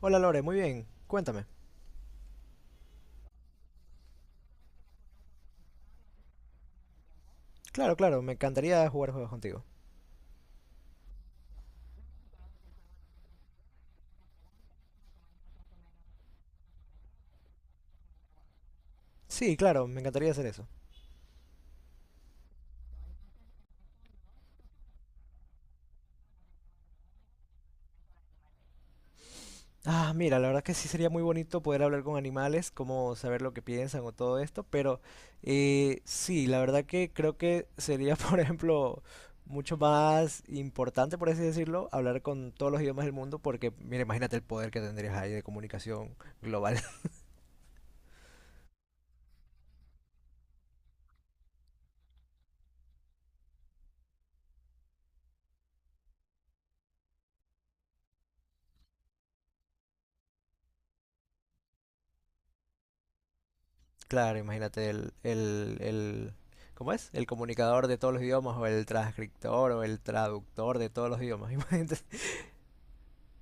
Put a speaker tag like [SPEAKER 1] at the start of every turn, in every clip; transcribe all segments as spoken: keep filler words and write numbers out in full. [SPEAKER 1] Hola Lore, muy bien. Cuéntame. Claro, claro, me encantaría jugar juegos contigo. Sí, claro, me encantaría hacer eso. Ah, mira, la verdad que sí sería muy bonito poder hablar con animales, como saber lo que piensan o todo esto, pero eh, sí, la verdad que creo que sería, por ejemplo, mucho más importante, por así decirlo, hablar con todos los idiomas del mundo, porque, mira, imagínate el poder que tendrías ahí de comunicación global. Claro, imagínate el, el, el, ¿cómo es? El comunicador de todos los idiomas o el transcriptor o el traductor de todos los idiomas. Imagínate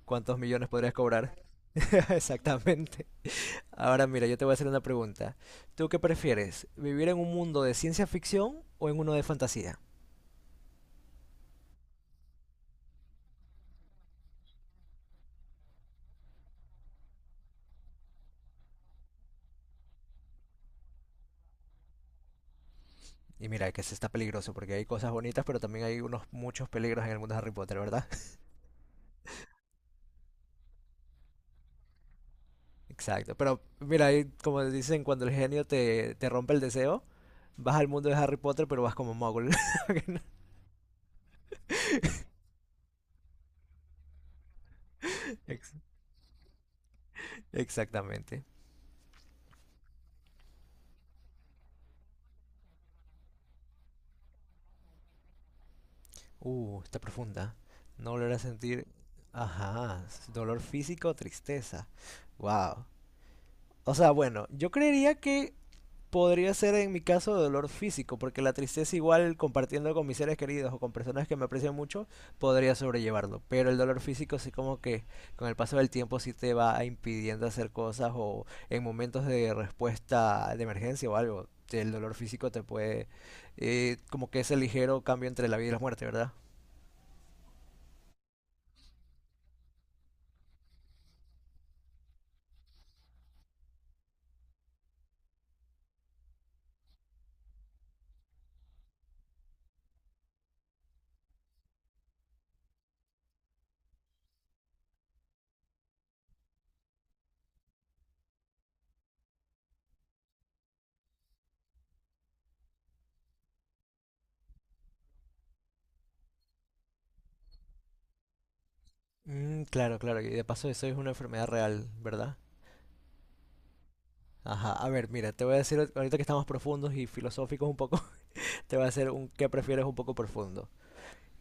[SPEAKER 1] cuántos millones podrías cobrar. Exactamente. Ahora mira, yo te voy a hacer una pregunta. ¿Tú qué prefieres? ¿Vivir en un mundo de ciencia ficción o en uno de fantasía? Y mira, que se está peligroso porque hay cosas bonitas, pero también hay unos muchos peligros en el mundo de Harry Potter, ¿verdad? Exacto, pero mira, ahí, como dicen, cuando el genio te, te rompe el deseo, vas al mundo de Harry Potter, pero vas como muggle. Ex- Exactamente. Uh, está profunda. No volver a sentir, ajá, dolor físico o tristeza. Wow. O sea, bueno, yo creería que podría ser en mi caso dolor físico, porque la tristeza igual compartiendo con mis seres queridos o con personas que me aprecian mucho, podría sobrellevarlo. Pero el dolor físico sí como que con el paso del tiempo sí te va impidiendo hacer cosas o en momentos de respuesta de emergencia o algo. El dolor físico te puede... eh, como que ese ligero cambio entre la vida y la muerte, ¿verdad? Mm, claro, claro. Y de paso eso es una enfermedad real, ¿verdad? Ajá. A ver, mira, te voy a decir ahorita que estamos profundos y filosóficos un poco, te voy a hacer un qué prefieres un poco profundo.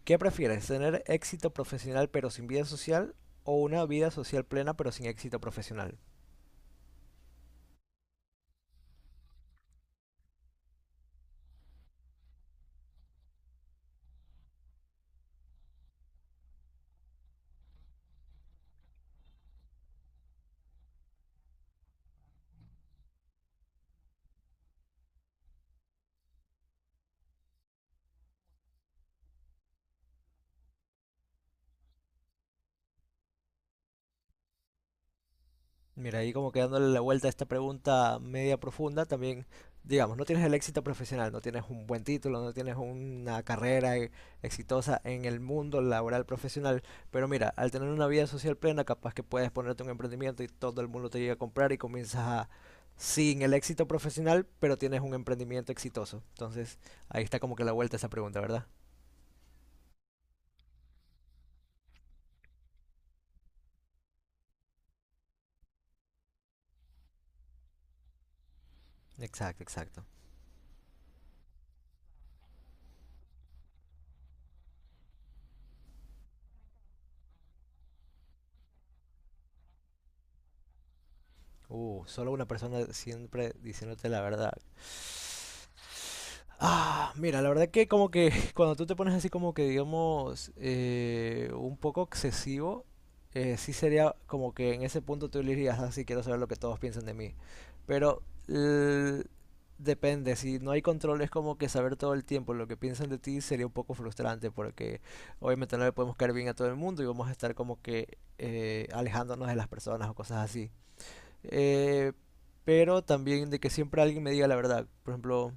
[SPEAKER 1] ¿Qué prefieres? ¿Tener éxito profesional pero sin vida social o una vida social plena pero sin éxito profesional? Mira, ahí como que dándole la vuelta a esta pregunta media profunda, también, digamos, no tienes el éxito profesional, no tienes un buen título, no tienes una carrera e- exitosa en el mundo laboral profesional, pero mira, al tener una vida social plena, capaz que puedes ponerte un emprendimiento y todo el mundo te llega a comprar y comienzas a, sin el éxito profesional, pero tienes un emprendimiento exitoso. Entonces, ahí está como que la vuelta a esa pregunta, ¿verdad? Exacto, exacto. Uh, solo una persona siempre diciéndote la verdad. Ah, mira, la verdad que como que cuando tú te pones así como que digamos eh, un poco excesivo, eh, sí sería como que en ese punto tú le dirías, así quiero saber lo que todos piensan de mí. Pero l- depende, si no hay control es como que saber todo el tiempo lo que piensan de ti sería un poco frustrante porque obviamente no le podemos caer bien a todo el mundo y vamos a estar como que eh, alejándonos de las personas o cosas así eh, pero también de que siempre alguien me diga la verdad. Por ejemplo,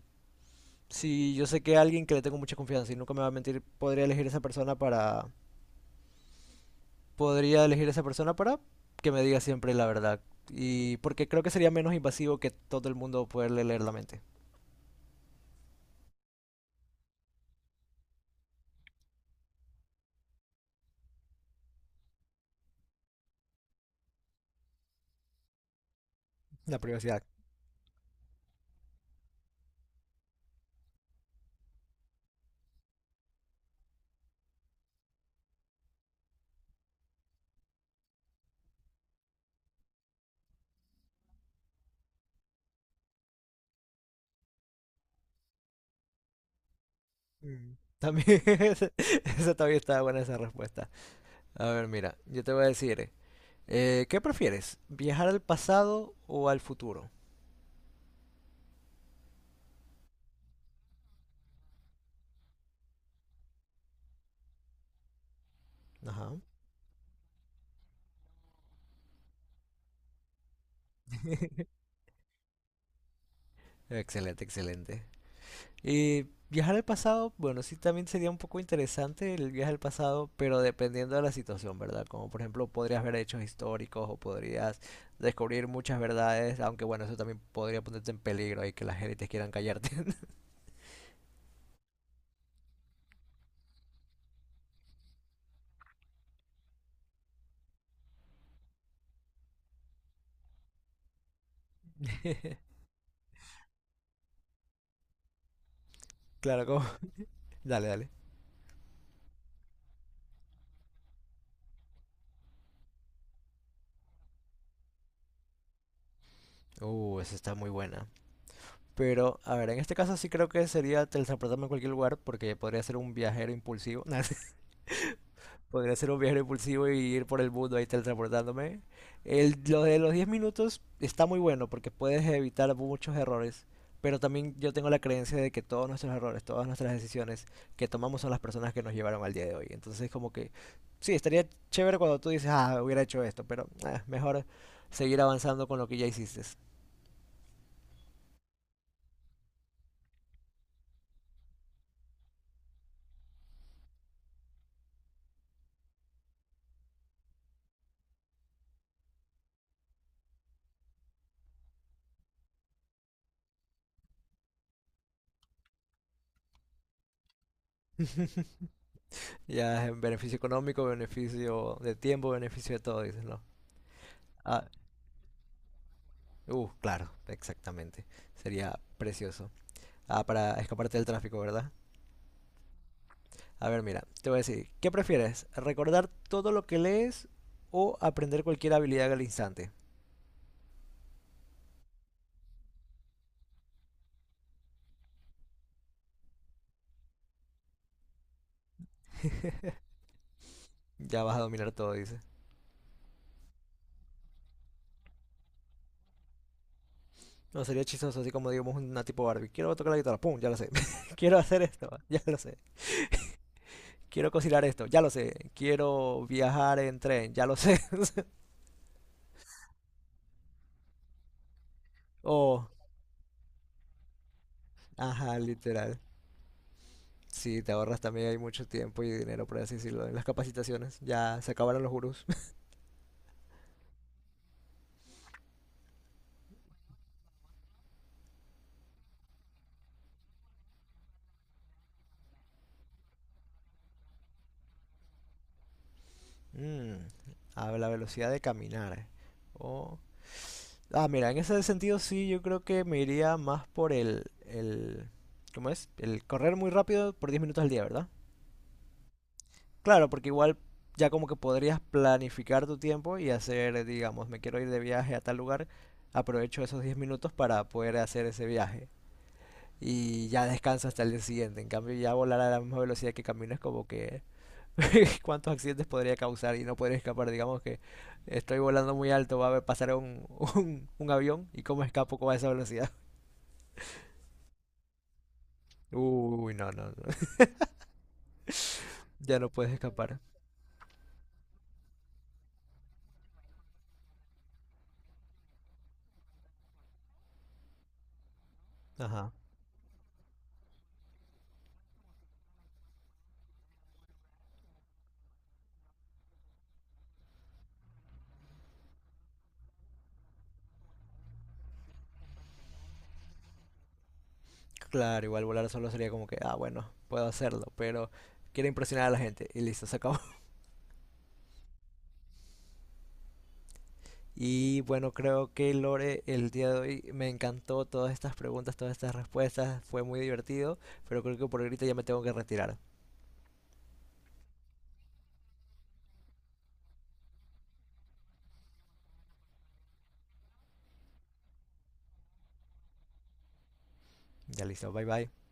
[SPEAKER 1] si yo sé que alguien que le tengo mucha confianza y nunca me va a mentir, podría elegir esa persona para, podría elegir esa persona para que me diga siempre la verdad. Y porque creo que sería menos invasivo que todo el mundo poderle leer la mente. La privacidad. Mm. También, esa esa también está buena esa respuesta. A ver, mira, yo te voy a decir, eh, ¿qué prefieres? ¿Viajar al pasado o al futuro? Ajá. Excelente, excelente. Y viajar al pasado, bueno, sí también sería un poco interesante el viaje al pasado, pero dependiendo de la situación, ¿verdad? Como por ejemplo podrías ver hechos históricos o podrías descubrir muchas verdades, aunque bueno, eso también podría ponerte en peligro y que las élites quieran callarte. Claro, como... Dale, dale. Uh, esa está muy buena. Pero, a ver, en este caso sí creo que sería teletransportarme a cualquier lugar porque podría ser un viajero impulsivo. Podría ser un viaje impulsivo y ir por el mundo ahí teletransportándome. El, lo de los diez minutos está muy bueno porque puedes evitar muchos errores. Pero también yo tengo la creencia de que todos nuestros errores, todas nuestras decisiones que tomamos son las personas que nos llevaron al día de hoy. Entonces como que sí, estaría chévere cuando tú dices, ah, hubiera hecho esto, pero ah, mejor seguir avanzando con lo que ya hiciste. Ya es beneficio económico, beneficio de tiempo, beneficio de todo, dices, ¿no? Ah, uh, claro, exactamente. Sería precioso. Ah, para escaparte del tráfico, ¿verdad? A ver, mira, te voy a decir, ¿qué prefieres? ¿Recordar todo lo que lees o aprender cualquier habilidad al instante? Ya vas a dominar todo, dice. No, sería chistoso, así como digamos una tipo Barbie. Quiero tocar la guitarra, pum, ya lo sé. Quiero hacer esto, ya lo sé. Quiero cocinar esto, ya lo sé. Quiero viajar en tren, ya lo sé. O, ajá, literal. Sí, te ahorras también hay mucho tiempo y dinero, por así decirlo, en las capacitaciones. Ya se acabaron los gurús. Mm, a la velocidad de caminar. O... Ah, mira, en ese sentido sí, yo creo que me iría más por el, el... ¿Cómo es? El correr muy rápido por diez minutos al día, ¿verdad? Claro, porque igual ya como que podrías planificar tu tiempo y hacer, digamos, me quiero ir de viaje a tal lugar, aprovecho esos diez minutos para poder hacer ese viaje. Y ya descanso hasta el día siguiente. En cambio, ya volar a la misma velocidad que camino es como que cuántos accidentes podría causar y no podría escapar. Digamos que estoy volando muy alto, va a pasar un, un, un avión y cómo escapo con esa velocidad. Uy, no, no, no. Ya no puedes escapar. Ajá. Claro, igual volar solo sería como que, ah, bueno, puedo hacerlo, pero quiero impresionar a la gente y listo, se acabó. Y bueno, creo que Lore, el día de hoy me encantó todas estas preguntas, todas estas respuestas, fue muy divertido, pero creo que por ahorita ya me tengo que retirar. Ya listo, bye bye.